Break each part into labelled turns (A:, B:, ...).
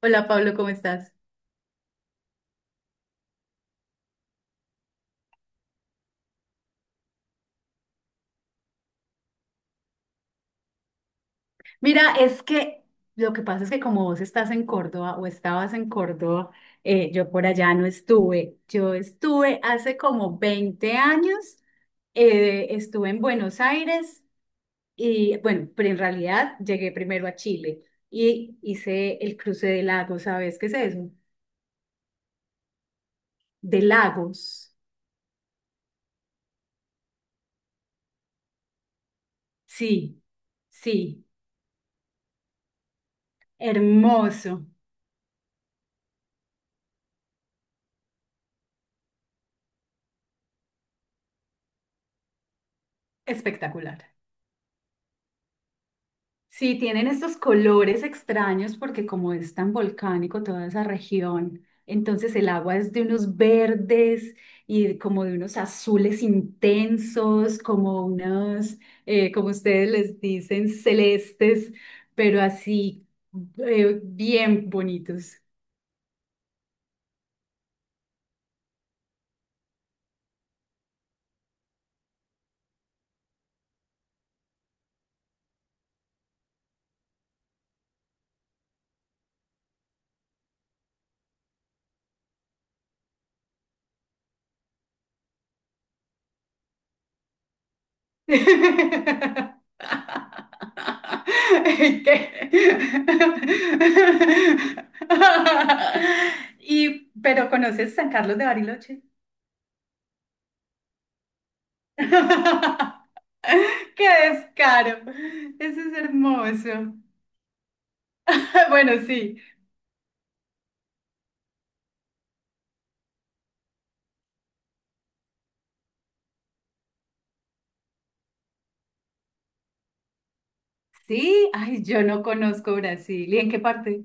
A: Hola Pablo, ¿cómo estás? Mira, es que lo que pasa es que como vos estás en Córdoba o estabas en Córdoba, yo por allá no estuve. Yo estuve hace como 20 años, estuve en Buenos Aires y bueno, pero en realidad llegué primero a Chile y hice el cruce de lagos, ¿sabes qué es eso? De lagos. Sí, sí, hermoso, espectacular. Sí, tienen estos colores extraños porque como es tan volcánico toda esa región, entonces el agua es de unos verdes y como de unos azules intensos, como ustedes les dicen, celestes, pero así bien bonitos. ¿Qué? Pero ¿conoces San Carlos de Bariloche? ¡Qué descaro! Eso es hermoso. Bueno, sí. Sí, ay, yo no conozco Brasil. ¿Y en qué parte?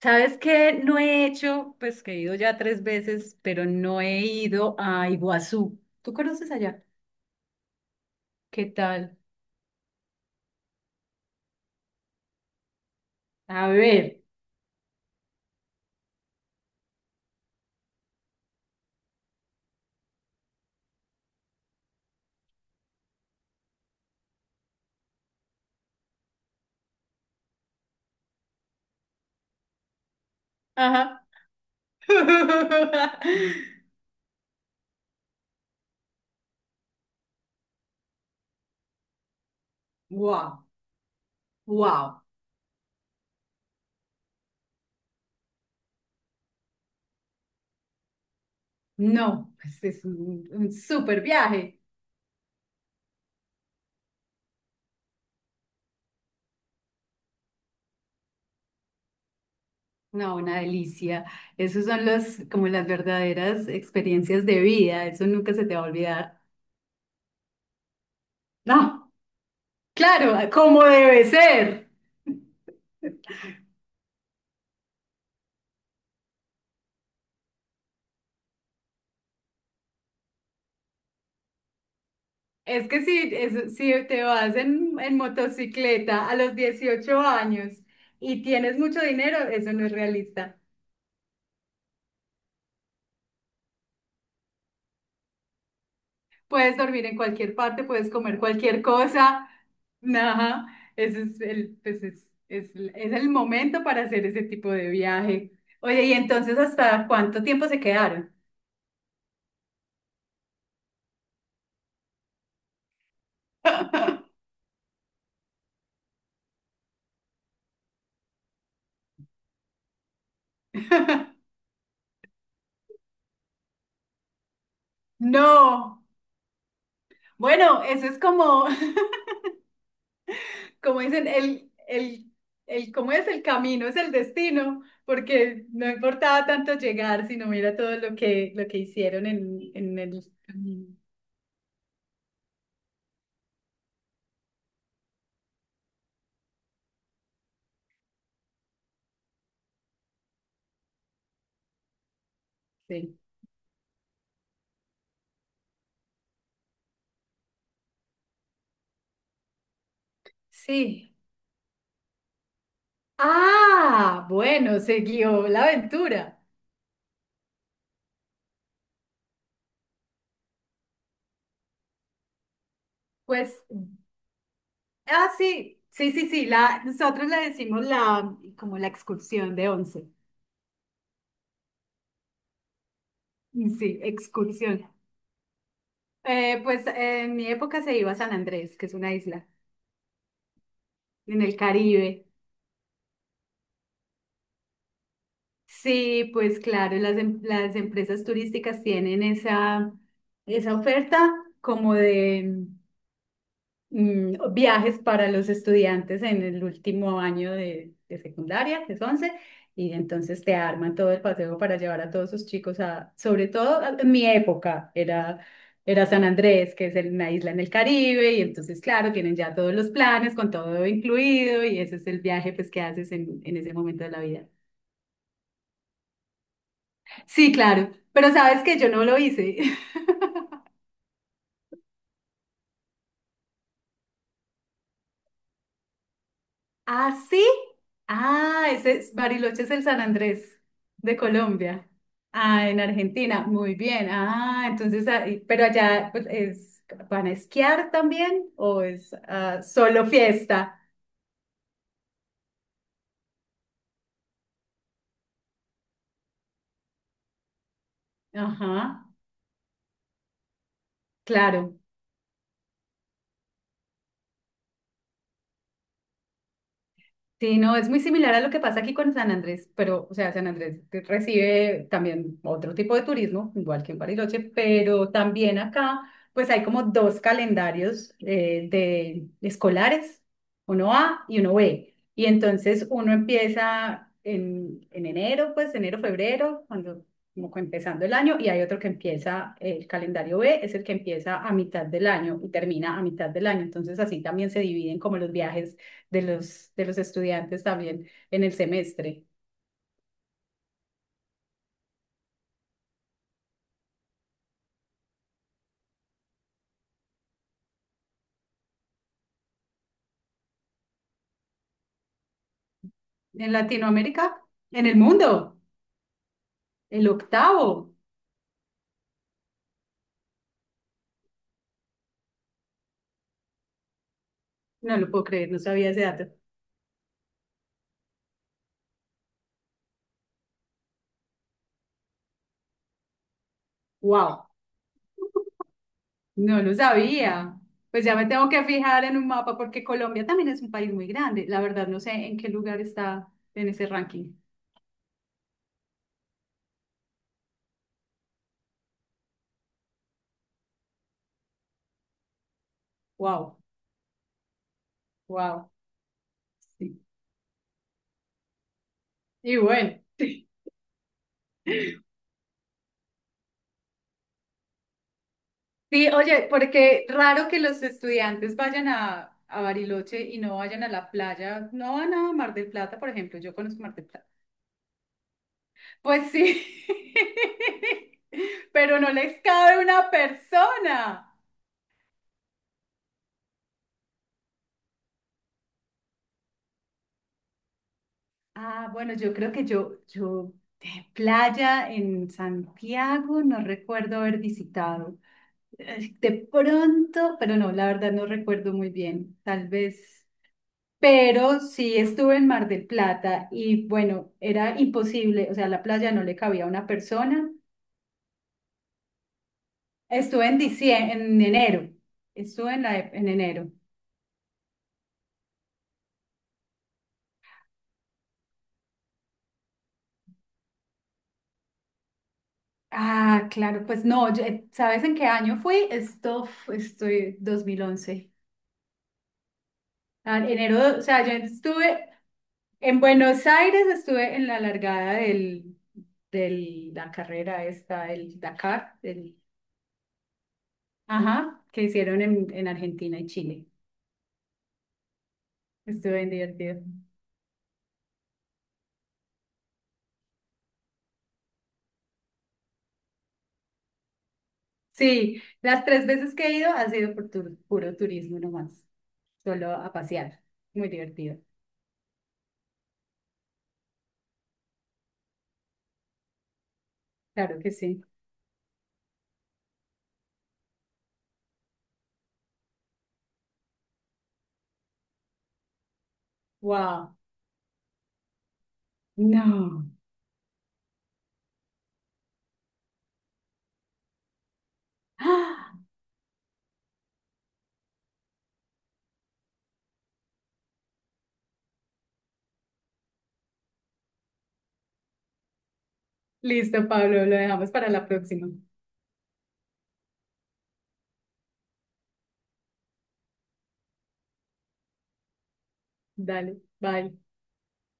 A: ¿Sabes qué? No he hecho, pues que he ido ya tres veces, pero no he ido a Iguazú. ¿Tú conoces allá? ¿Qué tal? A ver. Ajá. Wow, wow. No, pues es un súper viaje. No, una delicia. Esos son los, como las verdaderas experiencias de vida. Eso nunca se te va a olvidar. No, claro, ah, como debe ser. Es que si, es- Si te vas en motocicleta a los 18 años y tienes mucho dinero, eso no es realista. Puedes dormir en cualquier parte, puedes comer cualquier cosa. Ajá, ese es el, pues es el momento para hacer ese tipo de viaje. Oye, ¿y entonces hasta cuánto tiempo se quedaron? No. Bueno, eso es como, como dicen, ¿cómo es el camino? Es el destino, porque no importaba tanto llegar, sino mira todo lo que hicieron en el camino. Sí. Sí. Ah, bueno, siguió la aventura. Pues, ah, sí, sí, sí, sí, la, nosotros le decimos la, como la excursión de once. Sí, excursión. En mi época se iba a San Andrés, que es una isla. En el Caribe. Sí, pues claro, las empresas turísticas tienen esa, esa oferta como de viajes para los estudiantes en el último año de secundaria, que es 11, y entonces te arman todo el paseo para llevar a todos sus chicos a, sobre todo a- en mi época, era, era San Andrés, que es el- una isla en el Caribe, y entonces claro, tienen ya todos los planes con todo incluido, y ese es el viaje pues que haces en ese momento de la vida. Sí, claro, pero sabes que yo no lo hice. ¿Ah, sí? Ah, ese es, Bariloche es el San Andrés de Colombia. Ah, en Argentina, muy bien. Ah, entonces, ahí- pero allá pues, es, ¿van a esquiar también o es ah, solo fiesta? Ajá, claro. Sí, no, es muy similar a lo que pasa aquí con San Andrés, pero, o sea, San Andrés te- recibe también otro tipo de turismo, igual que en Bariloche, pero también acá, pues hay como dos calendarios de escolares, uno A y uno B. Y entonces uno empieza en enero, pues enero, febrero, cuando como que empezando el año, y hay otro que empieza, el calendario B es el que empieza a mitad del año y termina a mitad del año. Entonces así también se dividen como los viajes de los estudiantes también en el semestre. En Latinoamérica, en el mundo, el octavo. No lo puedo creer, no sabía ese dato. ¡Wow! No lo sabía. Pues ya me tengo que fijar en un mapa porque Colombia también es un país muy grande. La verdad, no sé en qué lugar está en ese ranking. ¡Wow! ¡Wow! Sí. Y bueno. Sí, oye, porque raro que los estudiantes vayan a Bariloche y no vayan a la playa, no van a Mar del Plata, por ejemplo, yo conozco Mar del Plata. Pues sí, pero no les cabe una persona. Ah, bueno, yo creo que yo, playa en Santiago, no recuerdo haber visitado. De pronto, pero no, la verdad no recuerdo muy bien, tal vez. Pero sí estuve en Mar del Plata y bueno, era imposible, o sea, la playa no le cabía a una persona. Estuve en diciembre, en enero, estuve en, la, e- en enero. Ah, claro, pues no, ¿sabes en qué año fui? Estoy 2011. Ah, enero, o sea, yo estuve en Buenos Aires, estuve en la largada del, del, la carrera esta, el Dakar, del, ajá, que hicieron en Argentina y Chile. Estuve bien divertido. Sí, las tres veces que he ido ha sido por tur- puro turismo nomás, solo a pasear. Muy divertido, claro que sí. Wow, no. Listo, Pablo, lo dejamos para la próxima. Dale, bye.